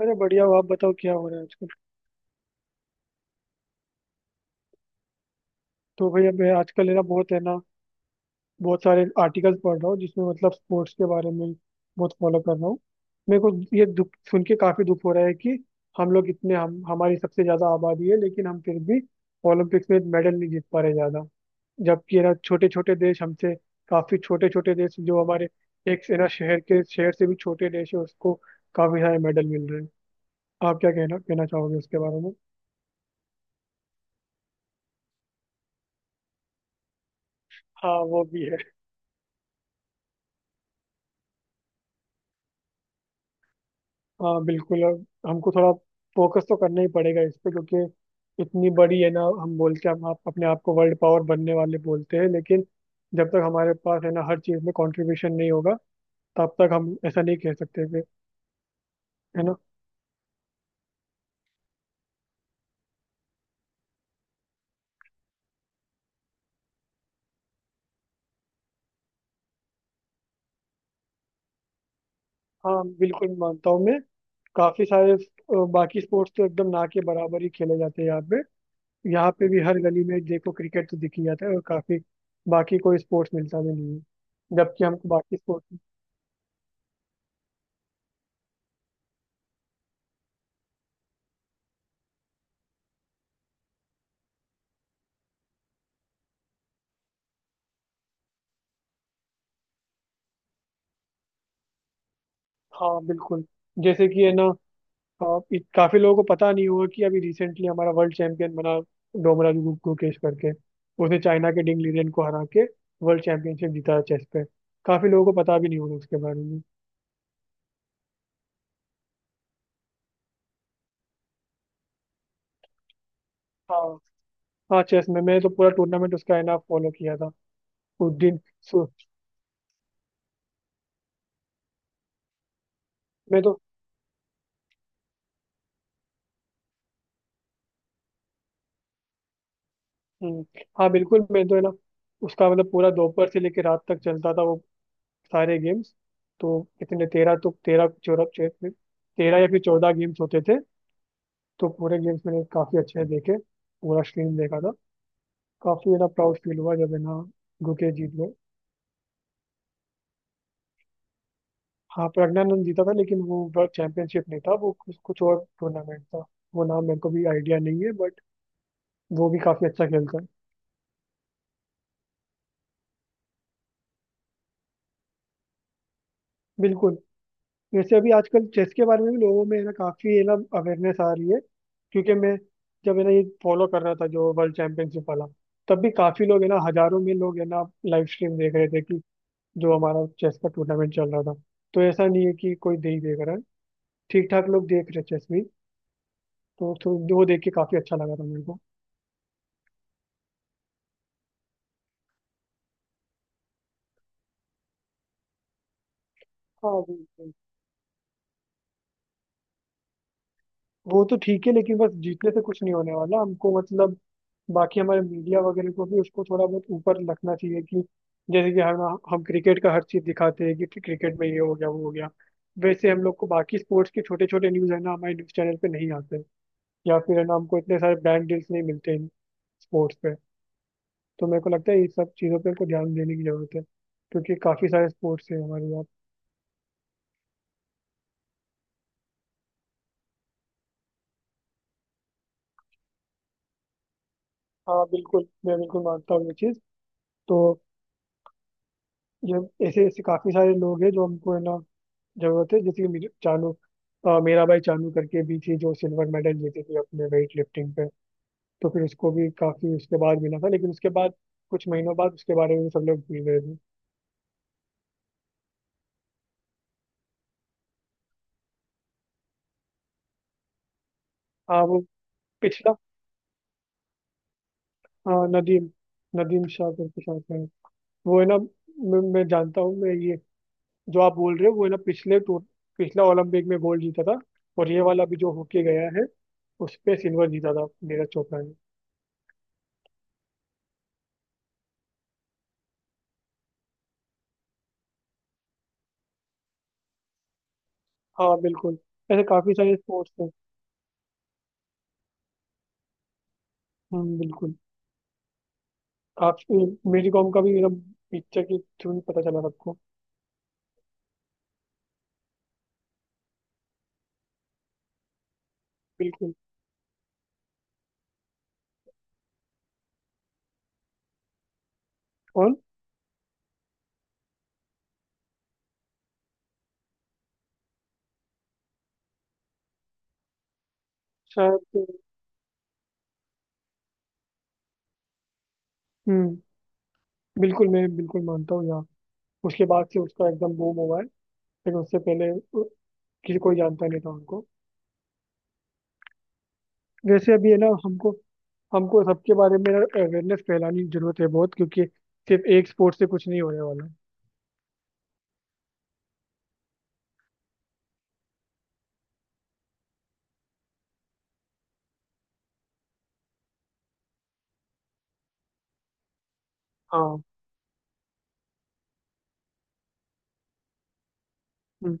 अरे बढ़िया हो। आप बताओ, क्या हो रहा है आजकल? तो भाई, अब मैं आजकल है ना बहुत सारे आर्टिकल्स पढ़ रहा हूँ जिसमें मतलब स्पोर्ट्स के बारे में बहुत फॉलो कर रहा हूँ। मेरे को ये दुख सुन के काफी दुख हो रहा है कि हम लोग इतने हम हमारी सबसे ज्यादा आबादी है लेकिन हम फिर भी ओलंपिक्स में मेडल नहीं जीत पा रहे ज्यादा। जबकि है ना छोटे छोटे देश हमसे, काफी छोटे छोटे देश जो हमारे एक है ना शहर के शहर से भी छोटे देश है, उसको काफी सारे मेडल मिल रहे हैं। आप क्या कहना कहना चाहोगे उसके बारे में? हाँ, वो भी है। हाँ बिल्कुल, अब हमको थोड़ा फोकस तो करना ही पड़ेगा इस पे, क्योंकि इतनी बड़ी है ना हम बोल के, हम आप अपने आप को वर्ल्ड पावर बनने वाले बोलते हैं लेकिन जब तक हमारे पास है ना हर चीज़ में कंट्रीब्यूशन नहीं होगा, तब तक हम ऐसा नहीं कह सकते फिर, है ना। हाँ बिल्कुल, मानता हूँ मैं। काफ़ी सारे बाकी स्पोर्ट्स तो एकदम ना के बराबर ही खेले जाते हैं यहाँ पे। यहाँ पे भी हर गली में देखो, क्रिकेट तो दिख ही जाता है, और काफ़ी बाकी कोई स्पोर्ट्स मिलता भी नहीं है। जबकि हमको बाकी स्पोर्ट्स। हाँ बिल्कुल। जैसे कि है ना, और काफी लोगों को पता नहीं हुआ कि अभी रिसेंटली हमारा वर्ल्ड चैंपियन बना। डोमराजू गुकेश करके, उसने चाइना के डिंग लीरेन को हरा के वर्ल्ड चैंपियनशिप जीता चेस पे। काफी लोगों को पता भी नहीं होगा उसके बारे में। हाँ। हाँ, चेस में मैं तो पूरा टूर्नामेंट उसका है ना फॉलो किया था। उस दिन सु- मैं तो हम्म, हाँ बिल्कुल। मैं तो है ना उसका मतलब पूरा दोपहर से लेकर रात तक चलता था वो सारे गेम्स। तो कितने 13, तो 13 14, 13 या फिर 14 गेम्स होते थे। तो पूरे गेम्स मैंने काफी अच्छे से देखे। पूरा स्ट्रीम देखा था। काफी मेरा प्राउड फील हुआ जब है ना गुके जीत गए। हाँ प्रज्ञानंद जीता था, लेकिन वो वर्ल्ड चैंपियनशिप नहीं था, वो कुछ कुछ और टूर्नामेंट था। वो नाम मेरे को भी आइडिया नहीं है बट वो भी काफी अच्छा खेलता है। बिल्कुल। वैसे अभी आजकल चेस के बारे में भी लोगों में है ना काफी है ना अवेयरनेस आ रही है। क्योंकि मैं जब है ना ये फॉलो कर रहा था जो वर्ल्ड चैंपियनशिप वाला, तब भी काफी लोग है ना, हजारों में लोग है ना लाइव स्ट्रीम देख रहे थे कि जो हमारा चेस का टूर्नामेंट चल रहा था। तो ऐसा नहीं है कि कोई दे ही देख रहा है, ठीक ठाक लोग देख रहे चेस भी। तो वो देख के काफी अच्छा लगा था मेरे को। हाँ बिल्कुल। वो तो ठीक है लेकिन बस जीतने से कुछ नहीं होने वाला हमको, मतलब बाकी हमारे मीडिया वगैरह को भी उसको थोड़ा बहुत ऊपर रखना चाहिए कि जैसे कि हम क्रिकेट का हर चीज दिखाते हैं कि क्रिकेट में ये हो गया वो हो गया, वैसे हम लोग को बाकी स्पोर्ट्स के छोटे छोटे न्यूज है ना हमारे न्यूज चैनल पे नहीं आते। या फिर है ना हमको इतने सारे ब्रांड डील्स नहीं मिलते हैं स्पोर्ट्स पे। तो मेरे को लगता है ये सब चीज़ों पे को ध्यान देने की ज़रूरत है, क्योंकि काफ़ी सारे स्पोर्ट्स हैं हमारे यहाँ। हाँ बिल्कुल, मैं बिल्कुल मानता हूँ ये चीज़। तो ये ऐसे ऐसे काफ़ी सारे लोग हैं जो हमको है ना जरूरत है, जैसे कि चानू। मेरा भाई चानू करके भी थी, जो सिल्वर मेडल जीती थी अपने वेट लिफ्टिंग पे। तो फिर उसको भी काफी उसके बाद मिला था, लेकिन उसके बाद कुछ महीनों बाद उसके बारे में भी सब लोग भूल गए थे। हाँ, वो पिछला। हाँ, नदीम। नदीम शाह करके शायद है। वो है ना, मैं जानता हूँ मैं, ये जो आप बोल रहे हो वो है ना पिछले टूर पिछला ओलंपिक में गोल्ड जीता था। और ये वाला भी जो होके गया है, उस पे सिल्वर जीता था नीरज चोपड़ा ने। हाँ बिल्कुल, ऐसे काफी सारे स्पोर्ट्स हैं। हम्म, बिल्कुल। काफी मेरी कॉम का भी एकदम पिक्चर के थ्रू ही पता चला सबको। बिल्कुल। और शायद। हम्म, बिल्कुल। मैं बिल्कुल मानता हूँ यार। उसके बाद से उसका एकदम बूम हुआ है लेकिन उससे पहले उ- किसी कोई जानता नहीं था उनको। वैसे अभी है ना हमको हमको सबके बारे में अवेयरनेस फैलानी जरूरत है बहुत, क्योंकि सिर्फ एक स्पोर्ट से कुछ नहीं होने वाला। हाँ। हम्म,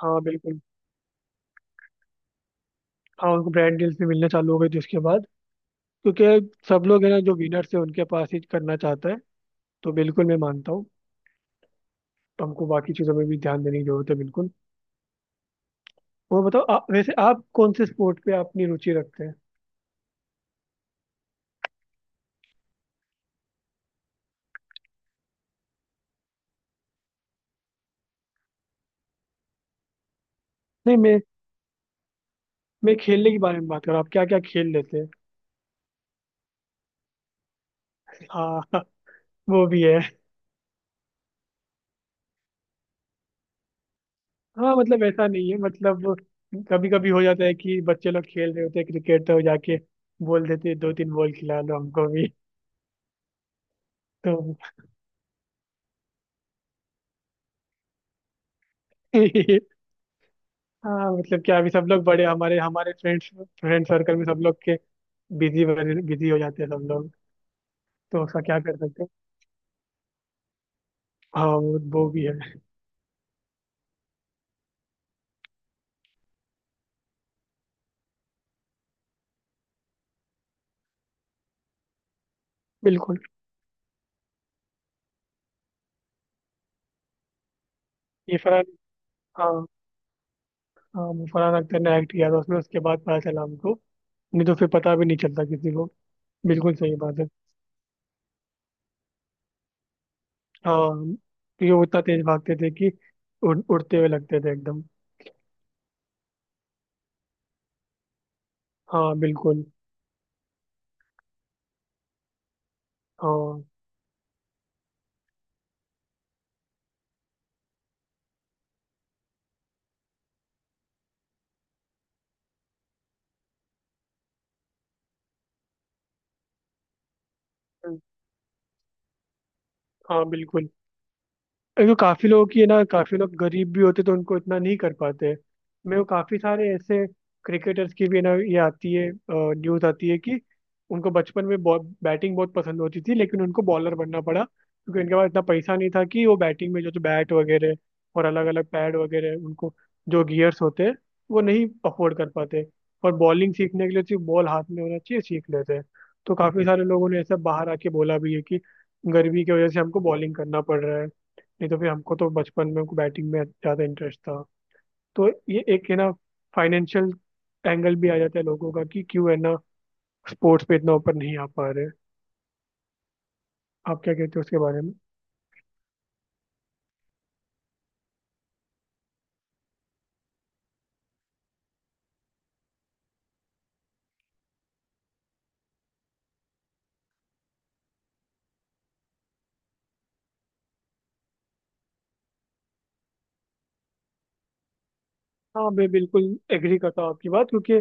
हाँ बिल्कुल। हाँ, उनको ब्रांड डील्स भी मिलने चालू हो गए जिसके बाद, क्योंकि सब लोग है ना जो विनर्स है उनके पास ही करना चाहता है। तो बिल्कुल मैं मानता हूँ। तो हमको बाकी चीज़ों में भी ध्यान देने की जरूरत है बिल्कुल। और बताओ आप, वैसे आप कौन से स्पोर्ट पे अपनी रुचि रखते हैं? नहीं, मैं खेलने के बारे में बात कर रहा हूँ, आप क्या क्या खेल लेते हैं? हाँ वो भी है। हाँ मतलब ऐसा नहीं है, मतलब कभी कभी हो जाता है कि बच्चे लोग खेल रहे होते हैं क्रिकेट, तो जाके बोल देते हैं, दो तीन बॉल खिला लो हमको भी। तो हाँ मतलब क्या, अभी सब लोग बड़े, हमारे हमारे फ्रेंड सर्कल में सब लोग के बिजी बिजी हो जाते हैं सब लोग। तो उसका क्या कर सकते हैं? हाँ, वो भी है। बिल्कुल। ये फरहान। हाँ। हाँ, वो फरहान अख्तर ने एक्ट किया था उसमें, उसके बाद पता चला हमको। नहीं तो फिर पता भी नहीं चलता किसी को। बिल्कुल सही बात है। हाँ, क्योंकि वो इतना तेज भागते थे कि उड़ते हुए लगते थे एकदम। हाँ बिल्कुल। हाँ। हम्म। हाँ बिल्कुल। एक तो काफी लोगों की है ना, काफी लोग गरीब भी होते तो उनको इतना नहीं कर पाते। मेरे को काफी सारे ऐसे क्रिकेटर्स की भी है ना ये आती है न्यूज आती है कि उनको बचपन में बॉ बैटिंग बहुत पसंद होती थी लेकिन उनको बॉलर बनना पड़ा, क्योंकि उनके पास इतना पैसा नहीं था कि वो बैटिंग में जो जो बैट वगैरह और अलग अलग पैड वगैरह, उनको जो गियर्स होते हैं, वो नहीं अफोर्ड कर पाते। और बॉलिंग सीखने के लिए सिर्फ बॉल हाथ में होना चाहिए, सीख लेते हैं। तो काफी सारे लोगों ने ऐसा बाहर आके बोला भी है कि गरीबी की वजह से हमको बॉलिंग करना पड़ रहा है, नहीं तो फिर हमको तो बचपन में बैटिंग में ज़्यादा इंटरेस्ट था। तो ये एक है ना फाइनेंशियल एंगल भी आ जाता है लोगों का कि क्यों है ना स्पोर्ट्स पे इतना ऊपर नहीं आ पा रहे। आप क्या कहते हो उसके बारे में? हाँ मैं बिल्कुल एग्री करता हूँ आपकी बात, क्योंकि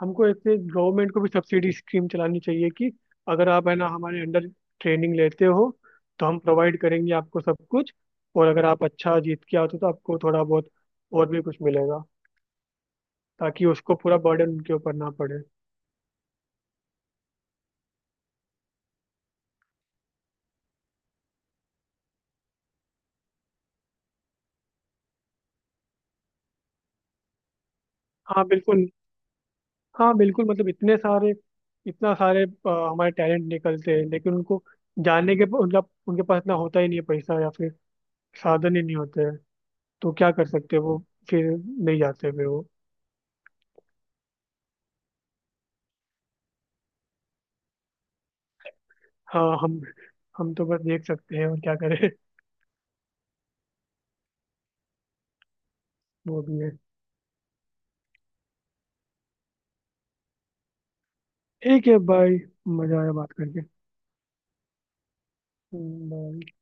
हमको ऐसे गवर्नमेंट को भी सब्सिडी स्कीम चलानी चाहिए कि अगर आप है ना हमारे अंडर ट्रेनिंग लेते हो, तो हम प्रोवाइड करेंगे आपको सब कुछ, और अगर आप अच्छा जीत के आते हो तो आपको थोड़ा बहुत और भी कुछ मिलेगा, ताकि उसको पूरा बर्डन उनके ऊपर ना पड़े। हाँ बिल्कुल। हाँ बिल्कुल, मतलब इतने सारे इतना सारे हमारे टैलेंट निकलते हैं, लेकिन उनको जानने के, उनका उनके पास इतना होता ही नहीं है पैसा या फिर साधन ही नहीं होते हैं। तो क्या कर सकते हैं वो, फिर नहीं जाते फिर वो। हाँ, हम तो बस देख सकते हैं, और क्या करें। वो भी है। ठीक है, बाय। मजा आया बात करके। बाय।